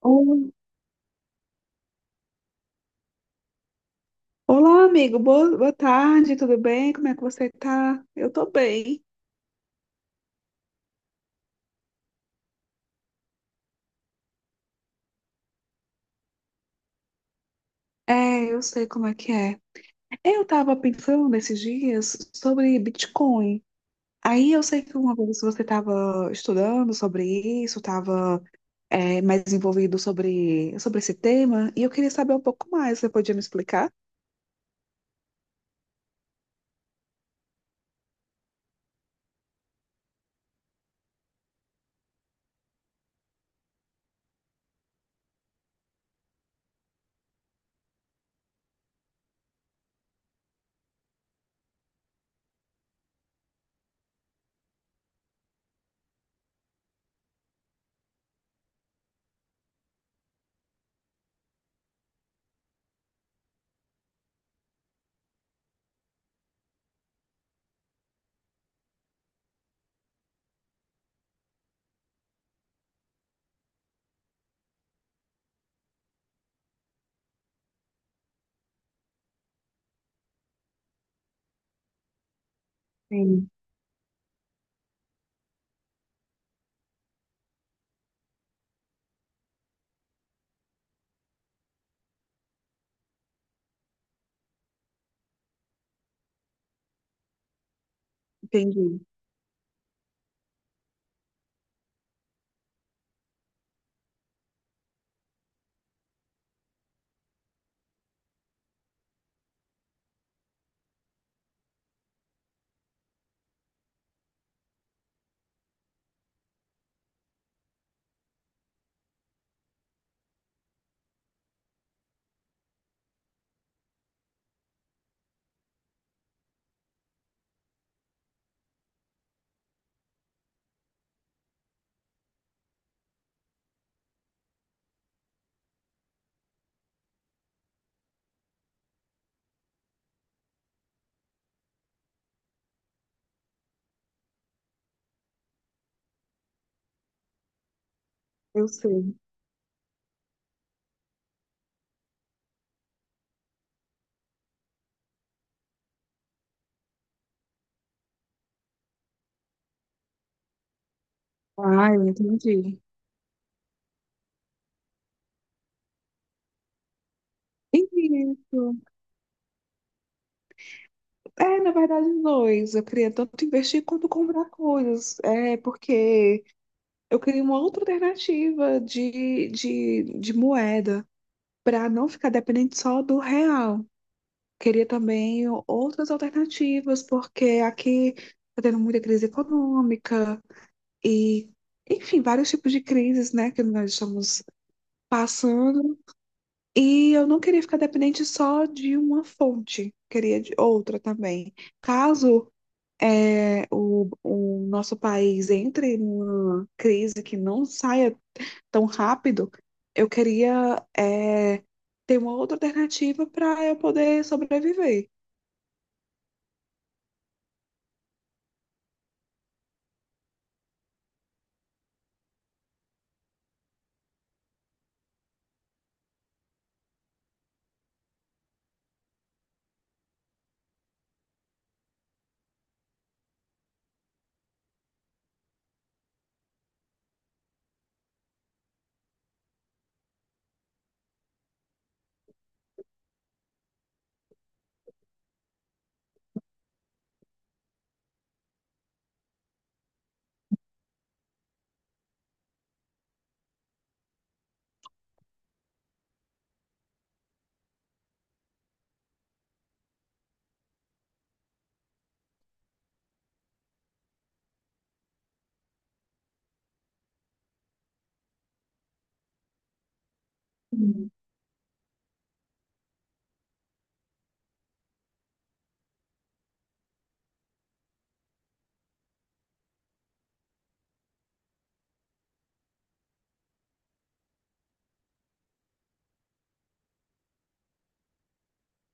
Oi. Olá, amigo. Boa tarde, tudo bem? Como é que você tá? Eu tô bem. É, eu sei como é que é. Eu tava pensando esses dias sobre Bitcoin. Aí eu sei que uma vez você estava estudando sobre isso, estava mais envolvido sobre esse tema, e eu queria saber um pouco mais. Você podia me explicar? Sim, entendi. Eu sei. Ah, eu entendi. Entendi. É, na verdade, os dois. Eu queria tanto investir quanto comprar coisas. É, porque eu queria uma outra alternativa de moeda, para não ficar dependente só do real. Queria também outras alternativas, porque aqui está tendo muita crise econômica e, enfim, vários tipos de crises, né, que nós estamos passando. E eu não queria ficar dependente só de uma fonte, queria de outra também. Caso o nosso país entre numa crise que não saia tão rápido, eu queria ter uma outra alternativa para eu poder sobreviver.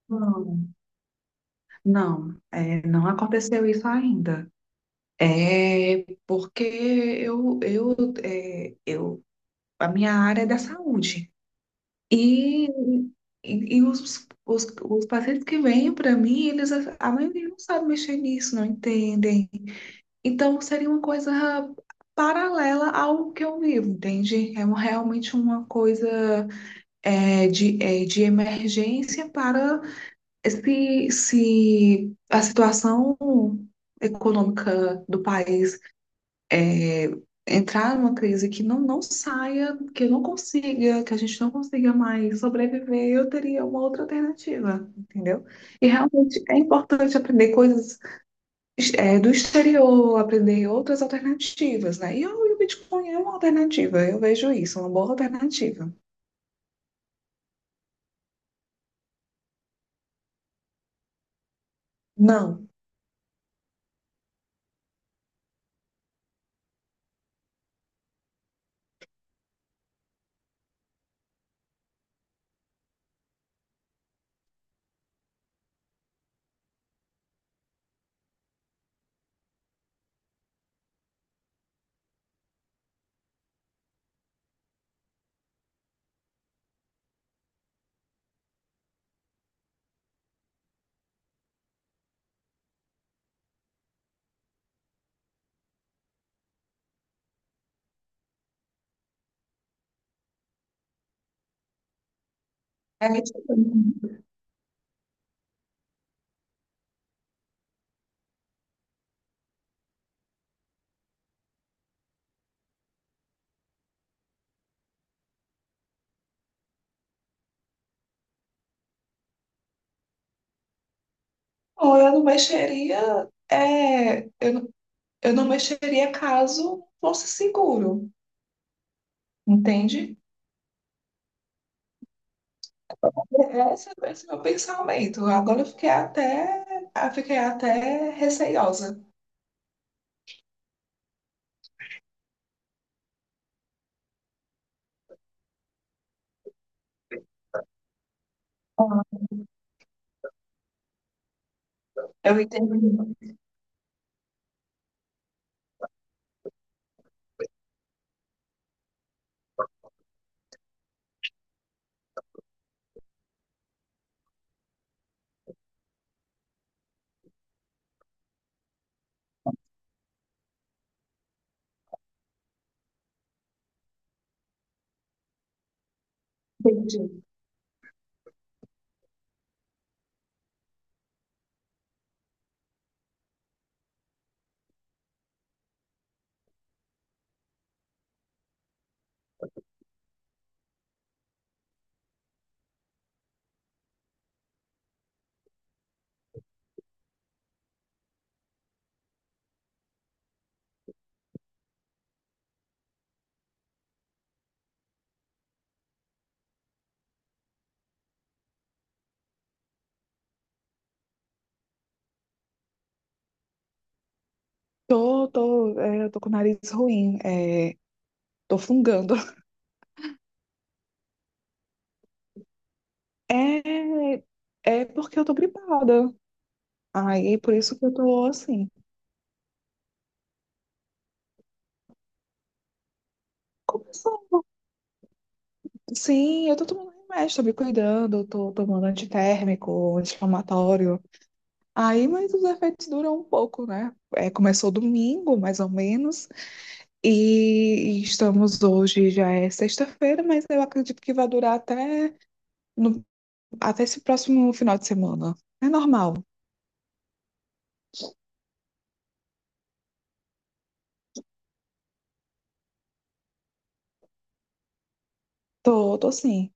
Não, não, não aconteceu isso ainda. É porque eu a minha área é da saúde. E, e os pacientes que vêm para mim, eles, a maioria não sabe mexer nisso, não entendem. Então, seria uma coisa paralela ao que eu vivo, entende? Realmente uma coisa de emergência para se a situação econômica do país é, entrar numa crise que não saia, que não consiga, que a gente não consiga mais sobreviver, eu teria uma outra alternativa, entendeu? E realmente é importante aprender coisas do exterior, aprender outras alternativas, né? E o Bitcoin é uma alternativa, eu vejo isso, uma boa alternativa. Não. Tipo, não, eu não mexeria, eu não mexeria caso fosse seguro, entende? Esse é o meu pensamento. Agora eu fiquei até receiosa. Ah, eu entendi. Entendi. Tô eu tô com o nariz ruim, tô fungando. É, é porque eu tô gripada. Aí, é por isso que eu tô assim. Começou. Sim, eu tô tomando remédio, tô me cuidando, eu tô tomando antitérmico, anti-inflamatório. Aí, mas os efeitos duram um pouco, né? Começou domingo, mais ou menos, e estamos hoje, já é sexta-feira, mas eu acredito que vai durar até, no- até esse próximo final de semana. É normal. Tô assim.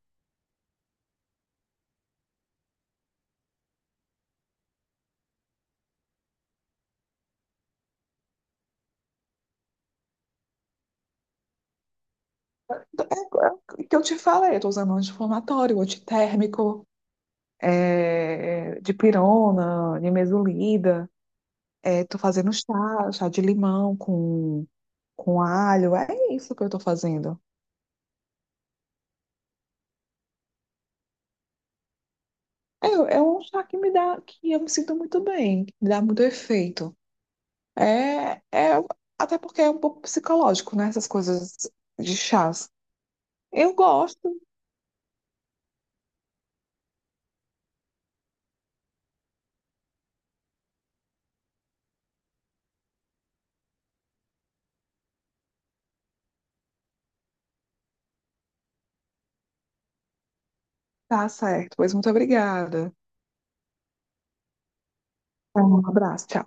É, é o que eu te falei, eu tô usando anti-inflamatório, antitérmico. De pirona, nimesulida. Tô fazendo chá de limão com alho. É isso que eu tô fazendo. É, é um chá que me dá, que eu me sinto muito bem, que me dá muito efeito. É até porque é um pouco psicológico, né? Essas coisas de chás. Eu gosto. Tá certo. Pois muito obrigada. Um abraço. Tchau.